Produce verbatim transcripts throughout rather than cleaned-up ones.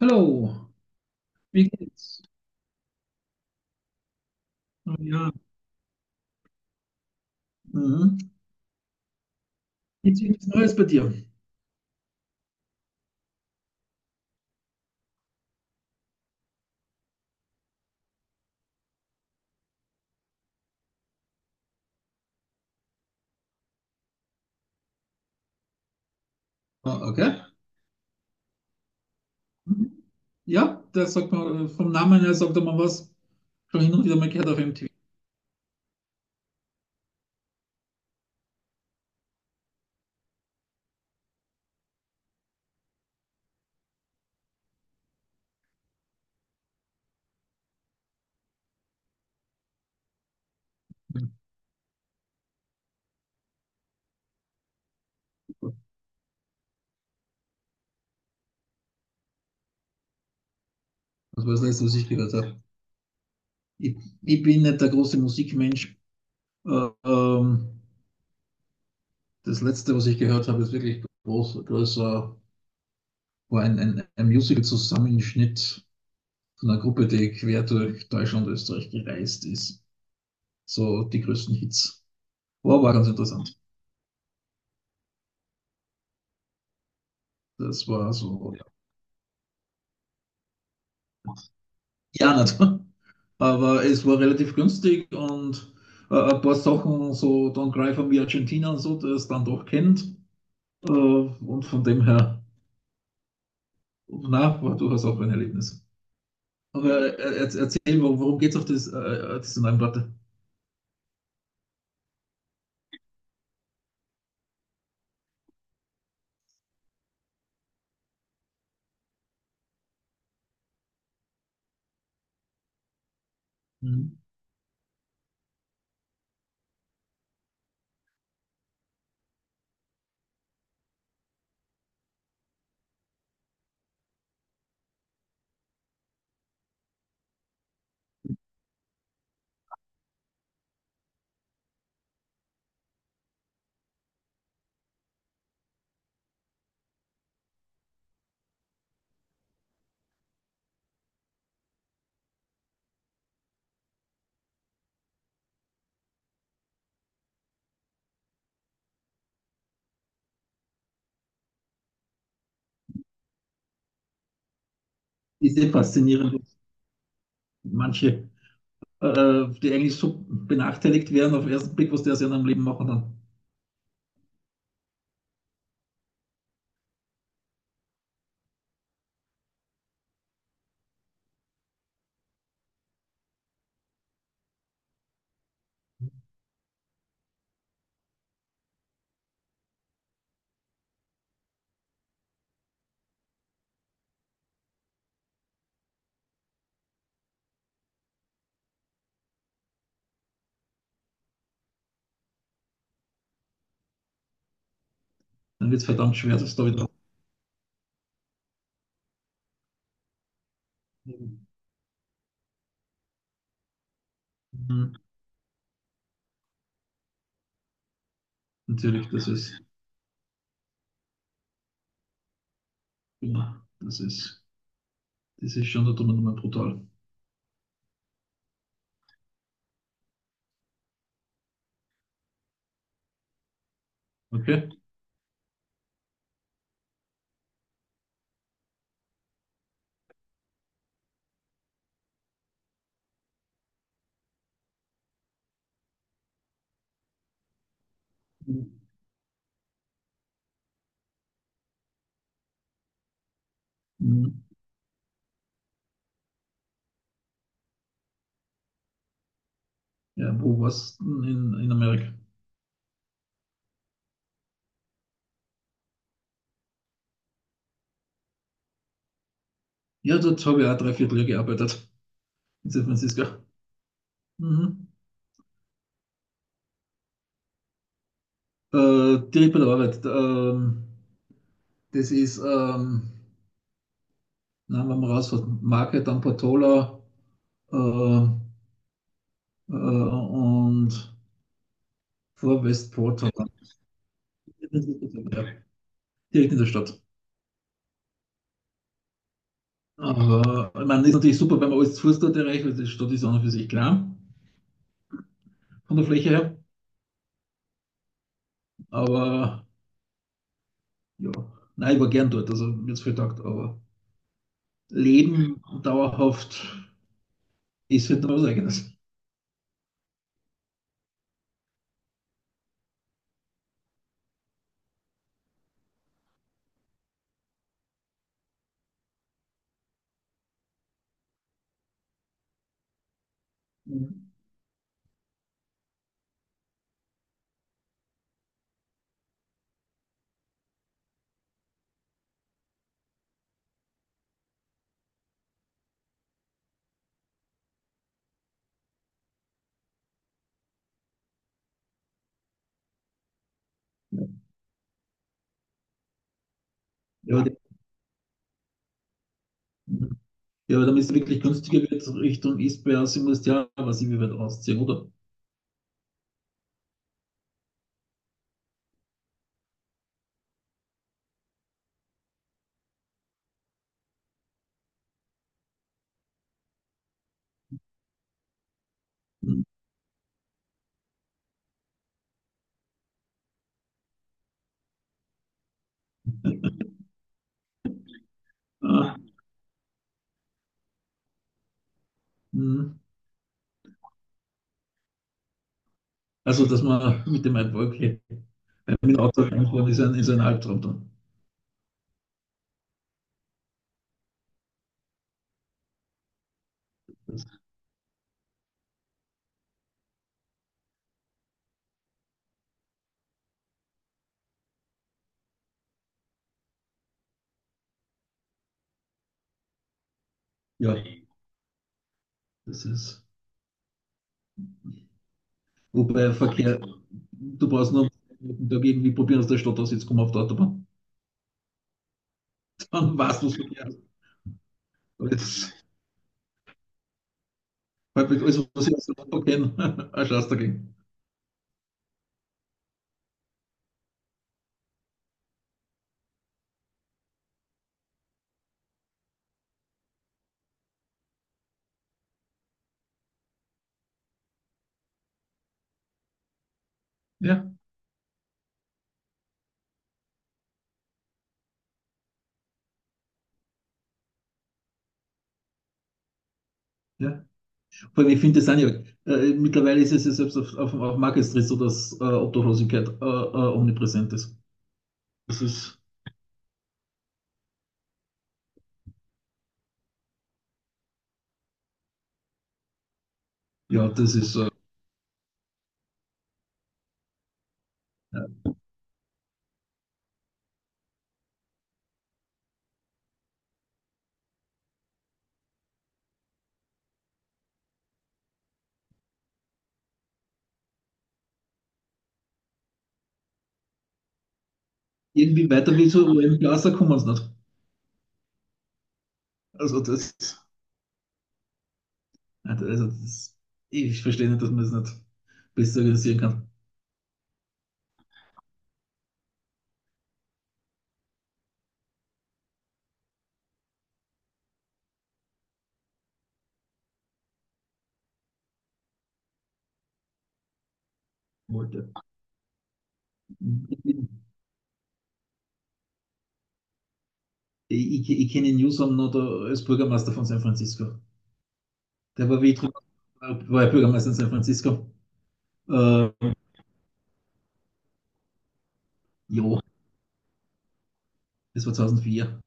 Hallo, wie geht's? Oh ja. Mhm. Gibt's nichts Neues bei dir? Ah, okay. Mhm. Ja, da sagt man, äh, vom Namen her sagt man was, schon hin und wieder mal gehört auf M T V. Das war das Letzte, was ich gehört habe. Ich, ich bin nicht der große Musikmensch. Äh, ähm, das Letzte, was ich gehört habe, ist wirklich groß, größer, war ein, ein, ein Musical-Zusammenschnitt von einer Gruppe, die quer durch Deutschland und Österreich gereist ist. So die größten Hits. War, war ganz interessant. Das war so, ja, nicht. Aber es war relativ günstig und äh, ein paar Sachen, so Don Greifer wie Argentina und so, der es dann doch kennt. Äh, und von dem her, na, war durchaus auch ein Erlebnis. Aber äh, erz- erzähl, worum, geht es auf das, äh, diese neuen Platte? Mhm. Ist eh faszinierend, dass manche, äh, die eigentlich so benachteiligt werden auf den ersten Blick, was die aus ihrem Leben machen, dann, dann wird es verdammt schwer, das da wieder. Mhm. Natürlich, das ist, ja, das ist. Das ist schon da drüben nochmal brutal. Okay? Mhm. Ja, wo warst du in, in Amerika? Ja, dort habe ich auch drei Vierteljahr gearbeitet. In San Francisco. Mhm. Äh, die Rippe der Arbeit. Ähm, das ist, ähm, nein, wenn man rausfährt, Market am Portola äh, äh, und vor Westport. Ja, direkt in der Stadt. Aber ich meine, das ist natürlich super, wenn man alles zu Fuß dort erreicht, weil die Stadt ist an und für sich klein von der Fläche her. Aber ja, nein, ich war gern dort, also mir hat's viel taugt, aber Leben dauerhaft ist halt dann was Eigenes. Ja, ja, die- ja, damit es wirklich günstiger wird Richtung Eastbay, sie muss ja, was ich wie weit rausziehen, oder? Ah, mhm. Also, dass man mit dem Ein- okay, mit dem Auto reinfahren ist ein, ist ein Albtraum dann. Das, ja, das ist. Wobei Verkehr, du brauchst noch dagegen, irgendwie probieren aus der Stadt aus jetzt auszukommen auf der Autobahn. Dann weißt du, was. Weil bei alles, was ich aus der Lotto kenne, ein Schatz dagegen. Ja, ja. Vor allem, ich finde das auch nicht. Äh, mittlerweile ist es ja selbst auf, auf, auf Market Street so, dass äh, Obdachlosigkeit äh, äh, omnipräsent ist. Das ist, ja, das ist äh, ja. Irgendwie weiter wie zu O M Plaza kommen sie nicht. Also das, also das, ich verstehe nicht, dass man es das nicht besser organisieren kann. Wollte. Ich, ich, ich kenne Newsom noch da als Bürgermeister von San Francisco. Der war wie ich drüber, war ja Bürgermeister in San Francisco. Äh, ja, das war zwanzig null vier.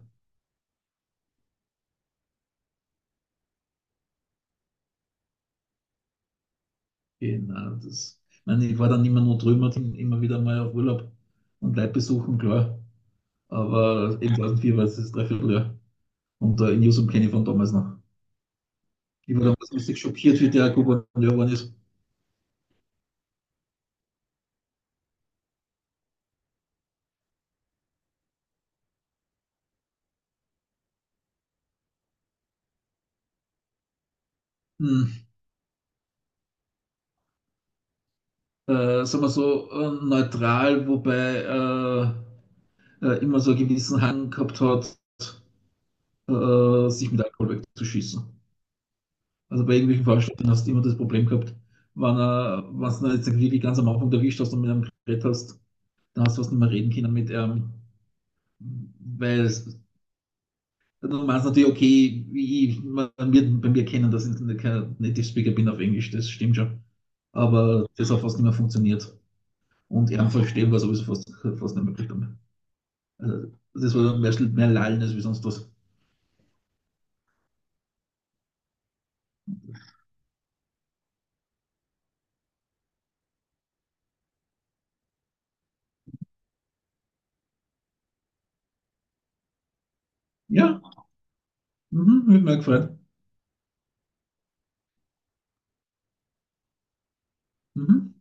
Genau. Das, ich, meine, ich war dann immer nur drüben, immer wieder mal auf Urlaub und Leute besuchen, klar. Aber eben zwanzig null vier war es das Dreivierteljahr. Und äh, in Newsom kenne ich von damals noch. Ich war damals richtig schockiert, wie der Gouverneur geworden ist. Hm, äh, sagen wir so, äh, neutral, wobei äh, äh, immer so einen gewissen Hang gehabt hat, äh, sich mit Alkohol wegzuschießen. Also bei irgendwelchen Veranstaltungen hast du immer das Problem gehabt, wenn, äh, wenn du jetzt wirklich ganz am Anfang erwischt hast und mit einem Gerät hast, da hast du was nicht mehr reden können mit, ähm, weil es- du meinst natürlich, okay, ich, man wird bei mir kennen, dass ich nicht kein Native Speaker bin auf Englisch, das stimmt schon. Aber das hat fast nicht mehr funktioniert. Und er verstehen war sowieso fast, fast nicht möglich damit. Also, das war mehr, mehr Lallen als wie sonst was. Ja, mhm, hat mir gefreut. Mhm.